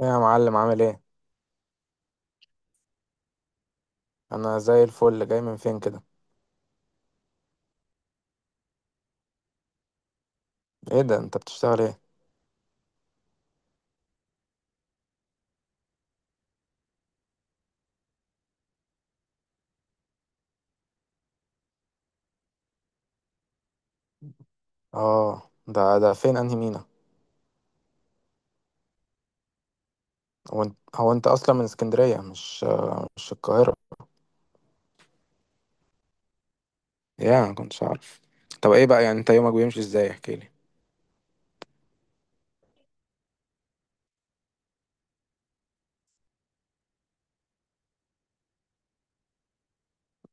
ايه يا معلم، عامل ايه؟ انا زي الفل. جاي من فين كده؟ ايه ده، انت بتشتغل ايه؟ اه، ده فين؟ انهي مينا؟ هو انت اصلا من اسكندريه، مش القاهره؟ يا ما كنتش عارف. طب ايه بقى، يعني انت يومك بيمشي ازاي؟ احكي لي.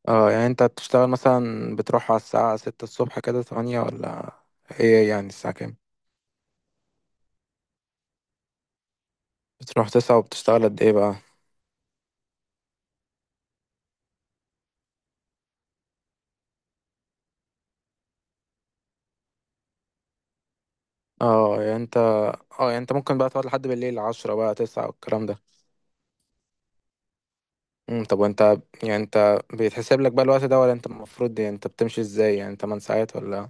اه، يعني انت بتشتغل مثلا، بتروح على الساعه 6 الصبح كده، 8 ولا ايه؟ يعني الساعه كام؟ بتروح 9 وبتشتغل قد ايه بقى؟ اه يعني انت اه، يعني انت ممكن بقى تقعد لحد بالليل 10 بقى 9 والكلام ده؟ طب وانت، يعني انت بيتحسب لك بقى الوقت ده، ولا انت المفروض، يعني انت بتمشي ازاي؟ يعني 8 ساعات ولا؟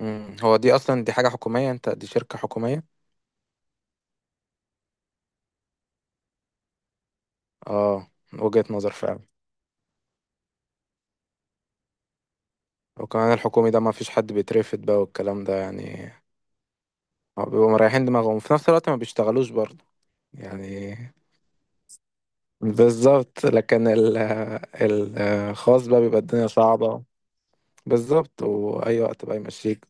هو دي اصلا، دي حاجة حكومية؟ انت دي شركة حكومية؟ اه، وجهة نظر فعلا. وكمان الحكومي ده ما فيش حد بيترفد بقى والكلام ده يعني. هو بيبقوا مريحين دماغهم وفي نفس الوقت ما بيشتغلوش برضه يعني. بالظبط. لكن الخاص بقى بيبقى الدنيا صعبة. بالظبط، واي وقت بقى يمشيك.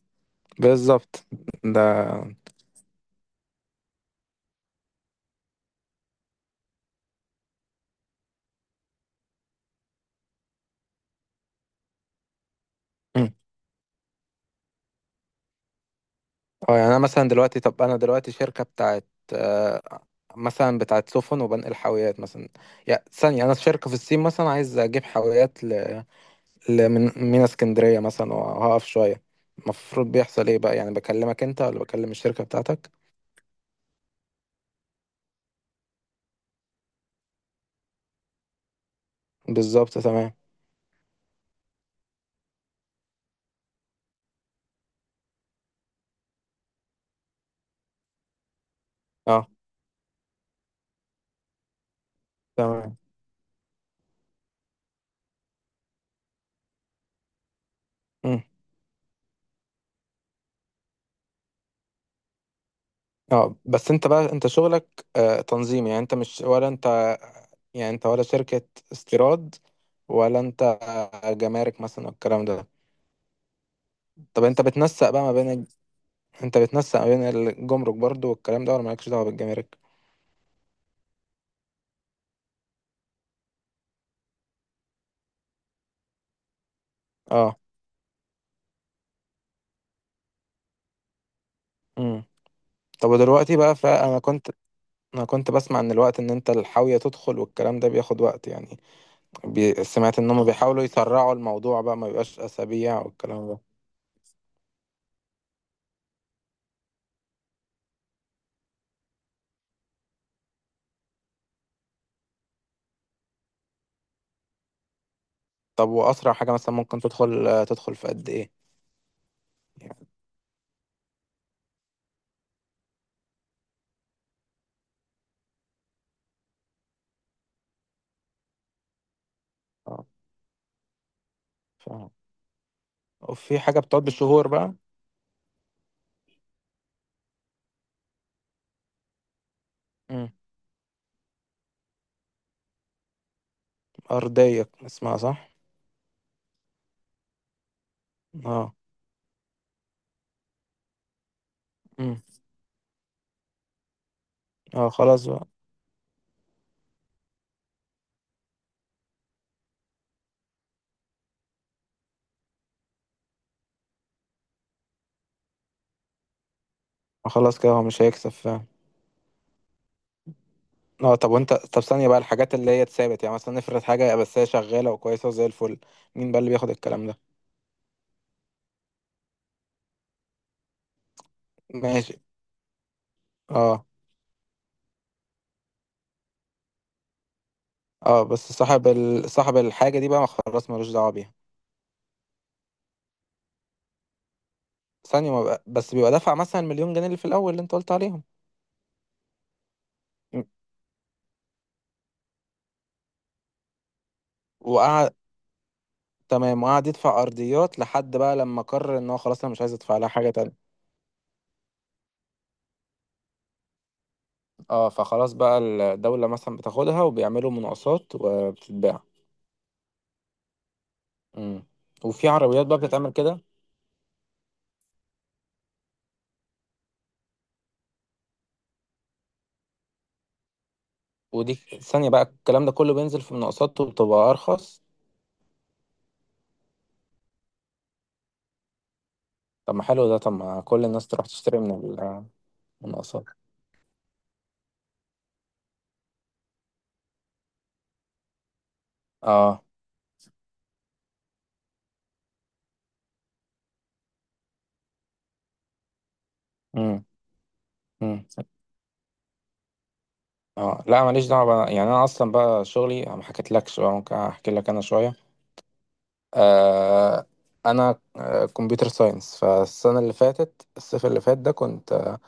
بالظبط. ده اه، يعني انا مثلا دلوقتي، طب انا دلوقتي شركه بتاعت، آه، مثلا بتاعت سفن وبنقل حاويات مثلا، يعني ثانيه انا شركه في الصين مثلا عايز اجيب حاويات من مينا اسكندريه مثلا، وهقف شويه. المفروض بيحصل ايه بقى؟ يعني بكلمك انت ولا بكلم الشركه بتاعتك؟ بالظبط تمام. اه تمام. مم. اه، بس انت بقى، انت شغلك تنظيم؟ يعني انت مش ولا انت، يعني انت ولا شركه استيراد، ولا انت جمارك مثلا والكلام ده؟ طب انت بتنسق بقى ما بين، انت بتنسق بين الجمرك برضو والكلام ده، ولا مالكش دعوه بالجمارك؟ اه. امم طب ودلوقتي بقى، فانا كنت، انا كنت بسمع ان الوقت، ان انت الحاويه تدخل والكلام ده بياخد وقت يعني. سمعت ان هم بيحاولوا يسرعوا الموضوع بقى، ما بيبقاش اسابيع والكلام ده. طب واسرع حاجه مثلا ممكن تدخل في قد ايه يعني؟ اه، فاهم. وفي حاجه بتقعد بالشهور بقى؟ امم ارضيه اسمها، صح؟ اه. امم. اه، خلاص بقى. خلاص كده، هو مش هيكسب فعلا. اه، طب وانت، طب ثانية بقى الحاجات اللي هي اتثابت، يعني مثلا نفرض حاجة بس هي شغالة وكويسة وزي الفل، مين بقى اللي بياخد الكلام ده؟ ماشي. اه. اه، بس صاحب صاحب الحاجة دي بقى ما خلاص ملوش دعوة بيها؟ ثانية ما بقى... بس بيبقى دفع مثلا مليون جنيه اللي في الأول اللي انت قلت عليهم. م- وقعد، تمام، وقعد يدفع أرضيات لحد بقى لما قرر ان هو خلاص انا مش عايز ادفع لها حاجة تانية؟ اه، فخلاص بقى الدولة مثلا بتاخدها وبيعملوا مناقصات وبتتباع. امم. وفي عربيات بقى بتتعمل كده؟ ودي ثانية بقى الكلام ده كله بينزل في مناقصات وبتبقى أرخص؟ طب ما حلو ده، طب ما كل الناس تروح تشتري من المناقصات. اه. امم. امم. اه، لا ماليش دعوة بقى. يعني أنا أصلا بقى شغلي، أنا ما حكيتلكش بقى، ممكن أحكي لك أنا شوية. آه أنا، كمبيوتر ساينس، فالسنة اللي فاتت، الصيف اللي فات ده كنت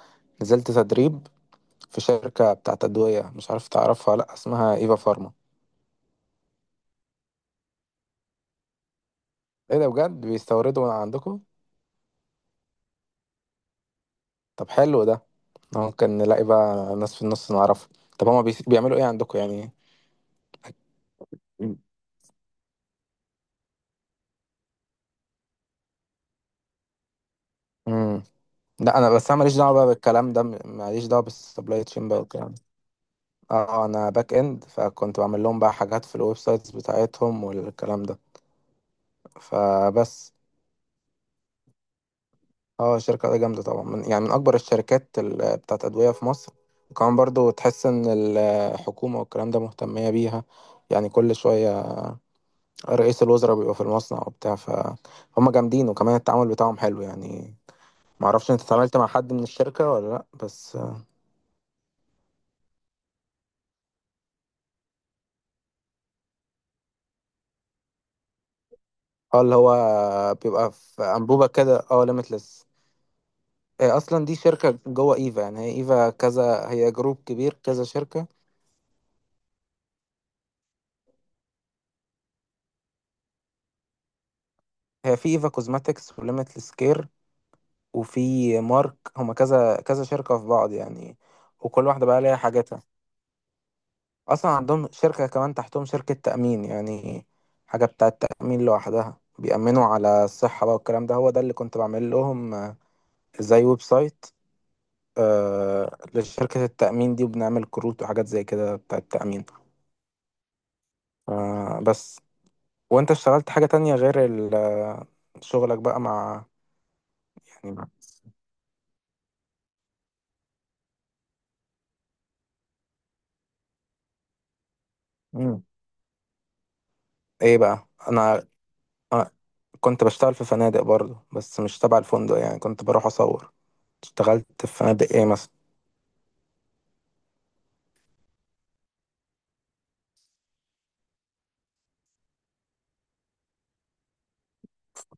نزلت تدريب في شركة بتاعت أدوية، مش عارف تعرفها ولا لأ، اسمها إيفا فارما. إيه ده بجد، بيستوردوا من عندكم؟ طب حلو ده. اه، كان نلاقي بقى ناس في النص نعرفها. طب هما بيعملوا ايه عندكم يعني؟ امم. لا انا بس انا ماليش دعوه بقى بالكلام ده، ماليش دعوه بالسبلاي تشين بقى والكلام ده. اه، انا باك اند، فكنت بعمل لهم بقى حاجات في الويب سايتس بتاعتهم والكلام ده. فبس. اه، الشركه دي جامده طبعا، من يعني من اكبر الشركات بتاعت ادويه في مصر. وكمان برضو تحس ان الحكومه والكلام ده مهتميه بيها يعني. كل شويه رئيس الوزراء بيبقى في المصنع وبتاع، فهم جامدين، وكمان التعامل بتاعهم حلو يعني. ما اعرفش انت اتعاملت مع حد من الشركه ولا لا، بس. اه، اللي هو بيبقى في انبوبه كده، اه، ليميتلس. هي اصلا دي شركه جوه ايفا، يعني هي ايفا كذا، هي جروب كبير كذا شركه. هي في ايفا كوزماتكس وليميتلس كير، وفي مارك، هما كذا كذا شركه في بعض يعني. وكل واحده بقى ليها حاجاتها. اصلا عندهم شركه كمان تحتهم شركه تامين يعني، حاجه بتاعه تامين لوحدها، بيأمنوا على الصحة بقى والكلام ده. هو ده اللي كنت بعمل لهم، زي ويب سايت، لشركة التأمين دي، وبنعمل كروت وحاجات زي كده بتاع التأمين. بس، وانت اشتغلت حاجة تانية غير شغلك بقى مع؟ يعني مع. مم. ايه بقى انا، آه كنت بشتغل في فنادق برضو، بس مش تبع الفندق، يعني كنت بروح اصور. اشتغلت في فنادق ايه مثلا؟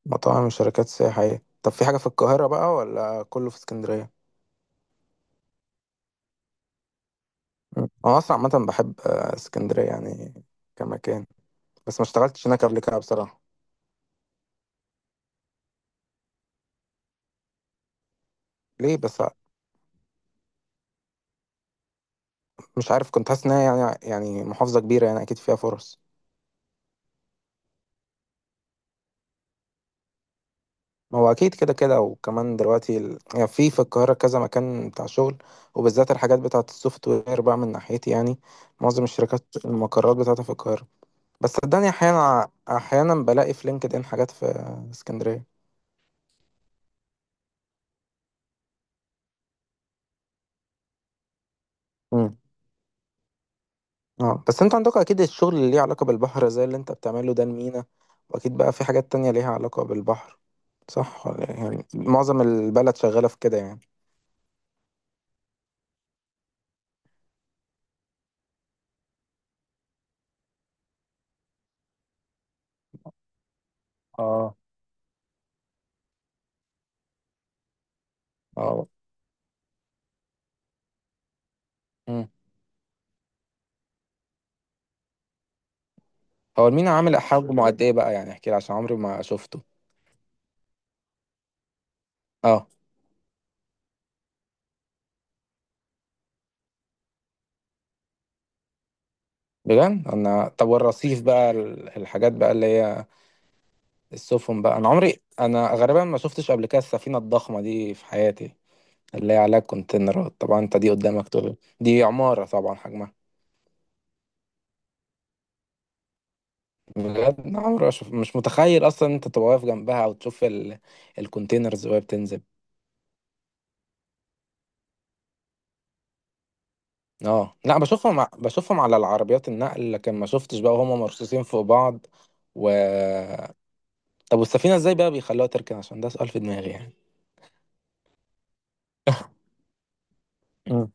مطاعم، شركات سياحية. طب في حاجة في القاهرة بقى ولا كله في اسكندرية؟ مم. انا اصلا عامة بحب اسكندرية يعني، كمكان، بس ما اشتغلتش هناك قبل كده بصراحة. ليه بس؟ مش عارف، كنت حاسس انها يعني محافظة كبيرة، يعني اكيد فيها فرص. ما هو اكيد كده كده، وكمان دلوقتي يعني في القاهرة كذا مكان بتاع شغل، وبالذات الحاجات بتاعة السوفت وير بقى من ناحيتي يعني. معظم الشركات المقرات بتاعتها في القاهرة. بس صدقني، احيانا احيانا بلاقي في لينكد ان حاجات في اسكندرية. امم. اه، بس انتوا عندكم اكيد الشغل اللي ليه علاقة بالبحر، زي اللي انت بتعمله ده، المينا. واكيد بقى في حاجات تانية ليها علاقة بالبحر. صح ولا- إيه؟ يعني معظم البلد شغالة في كده يعني. اه اه. مم. هو المينا عامل حجمه قد ايه بقى؟ يعني احكي لي عشان عمري ما شفته. اه بجد. انا طب والرصيف بقى الحاجات بقى اللي هي السفن بقى، انا عمري انا غالبا ما شفتش قبل كده السفينه الضخمه دي في حياتي، اللي هي عليها كونتينرات، طبعا انت دي قدامك طول، دي عماره طبعا حجمها. بجد أنا عمري ما شف- مش متخيل اصلا إن انت تبقى واقف جنبها او تشوف الكونتينرز وهي بتنزل. اه لا، بشوفهم بشوفهم على العربيات النقل، لكن ما شفتش بقى وهم مرصوصين فوق بعض. و طب والسفينة ازاي بقى بيخلوها تركن؟ عشان ده سؤال في دماغي يعني. مم.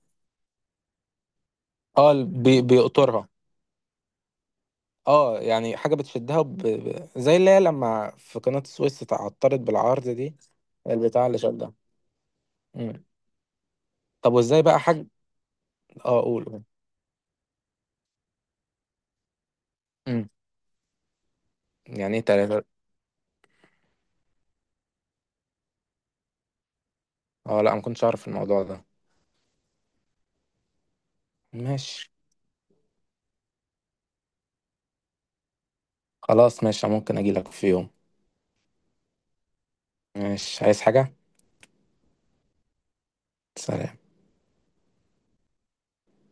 اه، ال- بي بيقطرها. اه، يعني حاجة بتشدها زي اللي هي لما في قناة السويس اتعطلت بالعرض دي، البتاع اللي شدها. مم. طب وازاي بقى حاج؟ اه، قول قول. مم. يعني ايه تلاتة؟ اه لا، ما كنتش اعرف الموضوع ده. ماشي. خلاص ماشي، ممكن اجي لك في يوم. ماشي، عايز حاجة؟ سلام.